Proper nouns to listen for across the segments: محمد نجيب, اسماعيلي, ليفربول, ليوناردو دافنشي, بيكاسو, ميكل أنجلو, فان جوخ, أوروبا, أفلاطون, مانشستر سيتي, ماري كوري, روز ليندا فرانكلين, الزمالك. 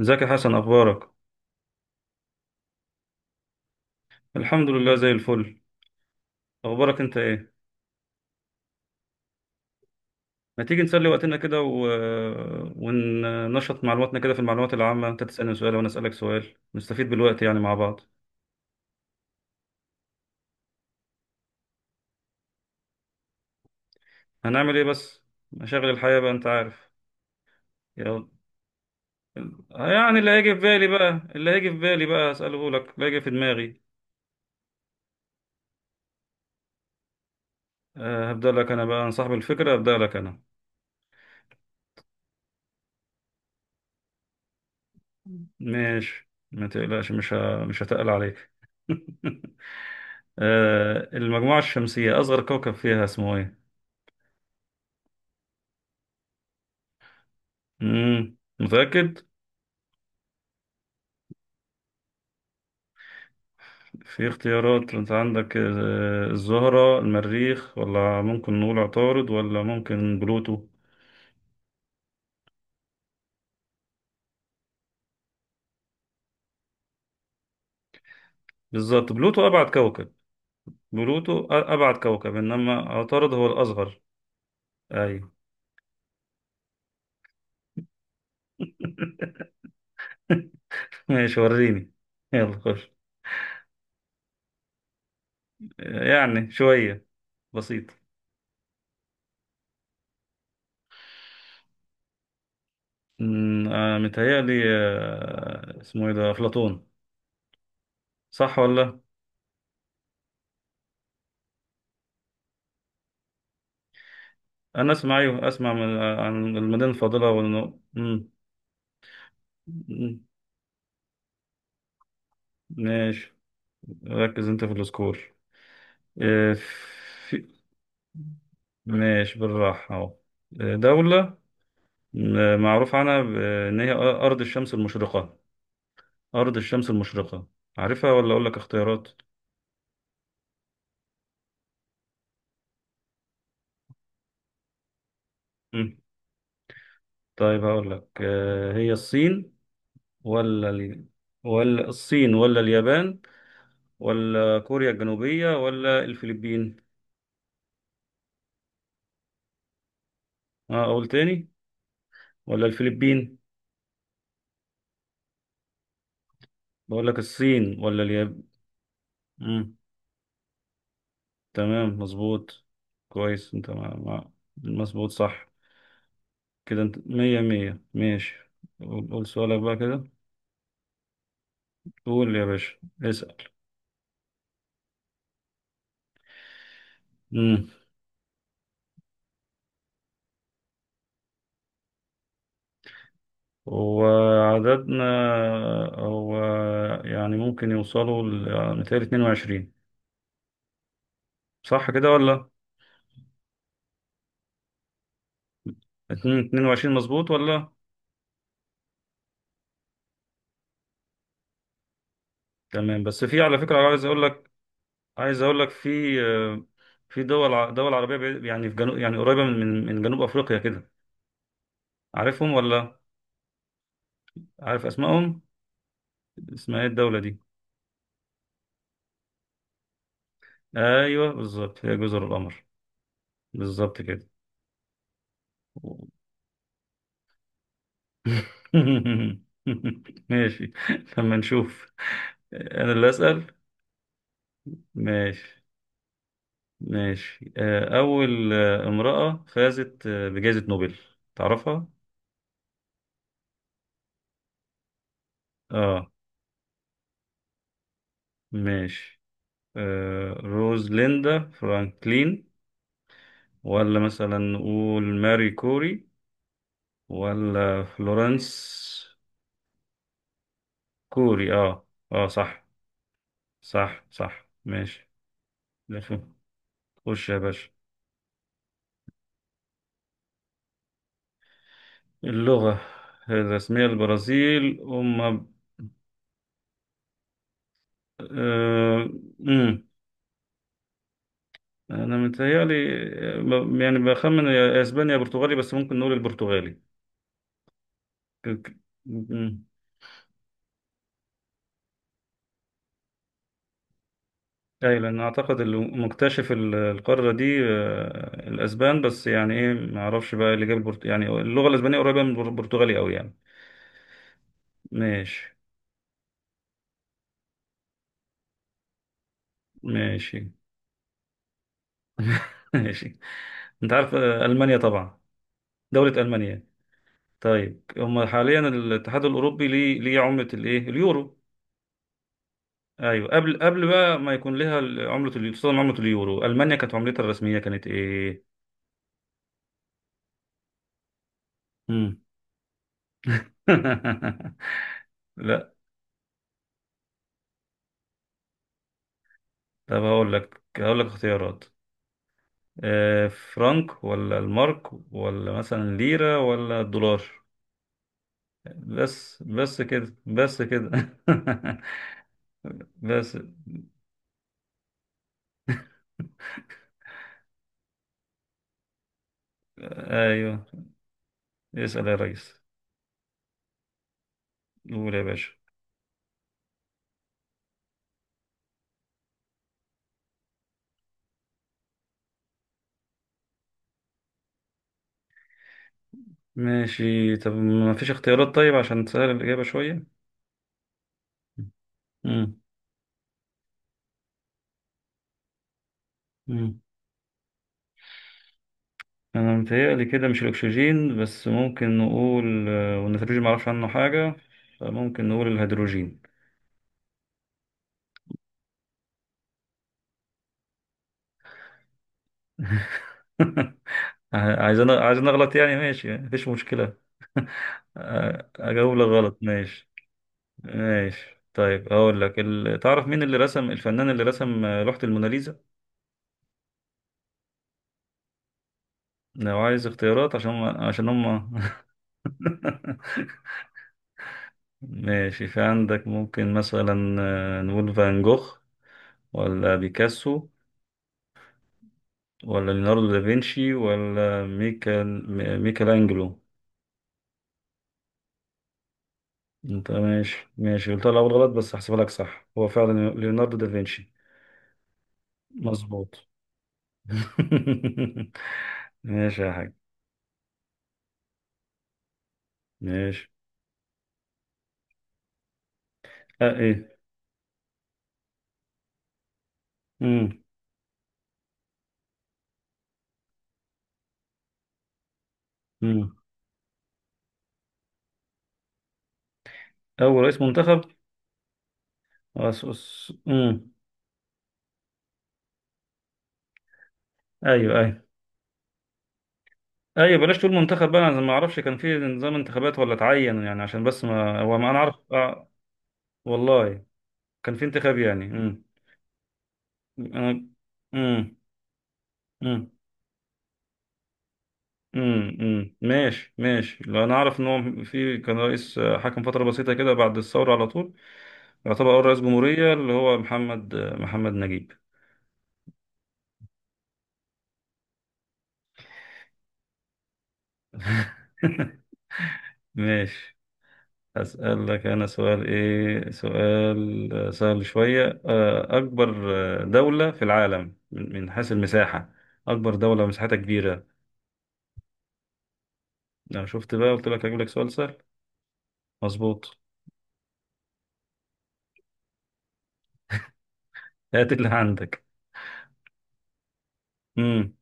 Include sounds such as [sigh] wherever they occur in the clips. ازيك يا حسن؟ اخبارك؟ الحمد لله زي الفل. اخبارك انت ايه؟ ما تيجي نسلي وقتنا كده وننشط معلوماتنا كده في المعلومات العامة، انت تسألني سؤال وانا اسألك سؤال، نستفيد بالوقت يعني مع بعض. هنعمل ايه بس؟ مشاغل الحياة بقى انت عارف. يلا، يعني اللي هيجي في بالي بقى اسأله لك اللي هيجي في دماغي. أه، هبدأ لك انا بقى، انا صاحب الفكرة هبدأ لك انا. ماشي، ما تقلقش، مش هتقل عليك. [laughs] أه، المجموعة الشمسية أصغر كوكب فيها اسمه إيه؟ متأكد؟ في اختيارات انت عندك، الزهرة، المريخ، ولا ممكن نقول عطارد، ولا ممكن بلوتو. بالظبط، بلوتو أبعد كوكب. بلوتو أبعد كوكب، إنما عطارد هو الأصغر. أي. [laughs] ماشي، وريني. يلا خش. يعني شوية، بسيط. أمم، آه، متهيألي، اسمه إيه ده، أفلاطون؟ صح ولا لأ؟ أنا أسمع، أيوه أسمع عن المدينة الفاضلة والنو مم. ماشي، ركز انت في السكور. آه، في... ماشي، بالراحة اهو. دولة معروف عنها ان هي ارض الشمس المشرقة. ارض الشمس المشرقة، عارفها ولا اقول لك اختيارات؟ مم. طيب هقول لك، هي الصين ولا ال... ولا الصين ولا اليابان، ولا كوريا الجنوبية ولا الفلبين؟ اه، اقول تاني؟ ولا الفلبين؟ بقول لك الصين ولا اليابان؟ مم. تمام، مظبوط. كويس انت مظبوط صح. كده انت مية مية، ماشي. قول سؤالك بقى كده. قول يا باشا، اسأل. مم. وعددنا هو، يعني ممكن يوصلوا يعني متهيألي 22، صح كده ولا؟ 22 مظبوط ولا؟ تمام، بس في على فكرة عايز اقول لك، عايز اقول لك في في دول عربية يعني في جنوب، يعني قريبة من جنوب افريقيا كده، عارفهم ولا؟ عارف اسمائهم؟ اسمها ايه الدولة دي؟ ايوه، بالظبط هي جزر القمر. بالظبط كده. [laughs] ماشي، لما نشوف. انا اللي اسال. ماشي، ماشي. اول امرأة فازت بجائزة نوبل، تعرفها؟ اه. ماشي، روز ليندا فرانكلين، ولا مثلا نقول ماري كوري، ولا فلورنس؟ كوري، اه. اه صح. صح صح، ماشي. ده شو. خش يا باشا. اللغة الرسمية للبرازيل، أم أه... مم. انا متهيألي، يعني بخمن، يا اسبانيا يا برتغالي، بس ممكن نقول البرتغالي. ك- ك- مم. اي، لان اعتقد اللي مكتشف القاره دي الاسبان، بس يعني ايه، ما اعرفش بقى اللي جاب يعني اللغه الاسبانيه قريبه من البرتغالي قوي يعني. ماشي. ماشي. [laughs] ماشي. انت عارف المانيا طبعا، دوله المانيا؟ طيب هم حاليا الاتحاد الاوروبي ليه عمله الايه اليورو؟ ايوه، قبل بقى ما يكون لها عمله خصوصا عمله اليورو، المانيا كانت عملتها الرسميه كانت ايه؟ امم. [laughs] لا. طب هقول لك، هقول لك اختيارات، فرانك، ولا المارك، ولا مثلا ليره، ولا الدولار؟ بس كده. [laughs] بس. ايوه، اسال يا ريس. قول يا باشا. ماشي، طب ما فيش اختيارات؟ طيب عشان تسهل الاجابه شويه. مم. مم. انا متهيألي كده مش الاكسجين، بس ممكن نقول والنيتروجين معرفش عنه حاجة، فممكن نقول الهيدروجين. [laughs] عايز أنا اغلط يعني، ماشي مفيش مشكلة. [laughs] اجاوب لك غلط، ماشي. ماشي، طيب هقول لك تعرف مين اللي رسم، الفنان اللي رسم لوحة الموناليزا؟ لو عايز اختيارات عشان، عشان هم. [laughs] ماشي، في عندك ممكن مثلا نقول فان جوخ، ولا بيكاسو، ولا ليوناردو دافنشي، ولا ميكل أنجلو؟ انت ماشي، ماشي، قلت الأول غلط بس هحسبها لك صح، هو فعلا ليوناردو دافنشي. مظبوط. [laughs] ماشي يا حاج. ماشي. اه ايه. مم. مم. أول رئيس منتخب، آه، س- س- مم. أيوه أيوه. أيوه بلاش تقول منتخب بقى، أنا ما أعرفش كان في نظام انتخابات ولا اتعين يعني، عشان بس، ما هو ما أنا أعرف. والله. كان في انتخاب يعني أنا- مم. مم. ماشي ماشي، لو انا اعرف ان هو في كان رئيس حكم فتره بسيطه كده بعد الثوره على طول، يعتبر اول رئيس جمهوريه اللي هو محمد، محمد نجيب. [laughs] ماشي. هسأل لك انا سؤال، ايه سؤال، سهل شويه، اكبر دوله في العالم من حيث المساحه؟ اكبر دوله مساحتها كبيره؟ انا شفت بقى قلت لك هجيب لك سؤال سهل. مظبوط. [laughs] هات اللي عندك. امم.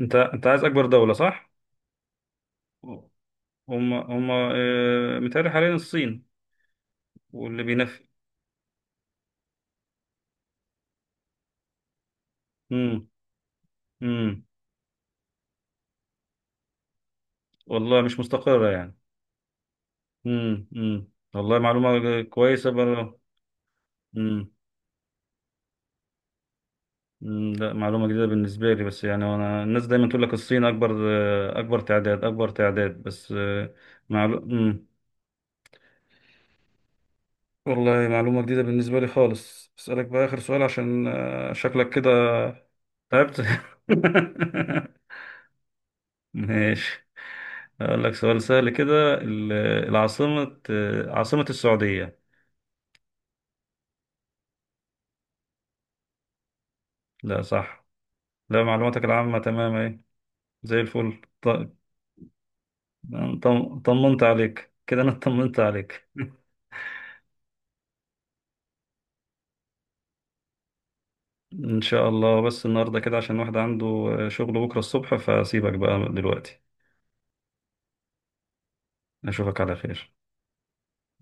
انت عايز اكبر دوله صح؟ هم هم متهيألي حاليا الصين، واللي بينفي. امم امم والله مش مستقرة يعني. امم، والله معلومة كويسة برضه. امم. لا معلومة جديدة بالنسبة لي، بس يعني أنا الناس دايما تقول لك الصين أكبر، أكبر تعداد، بس. آه، معلو... أمم. والله معلومة جديدة بالنسبة لي خالص. أسألك بقى آخر سؤال عشان شكلك كده تعبت. [laughs] ماشي. أقول لك سؤال سهل كده، العاصمة، عاصمة السعودية؟ لا، صح. لا معلوماتك العامة تمام اهي، زي الفل. طمنت عليك كده، أنا طمنت عليك. [laughs] إن شاء الله. بس النهاردة كده عشان واحد عنده شغل بكرة الصبح، فسيبك بقى دلوقتي. أشوفك على خير.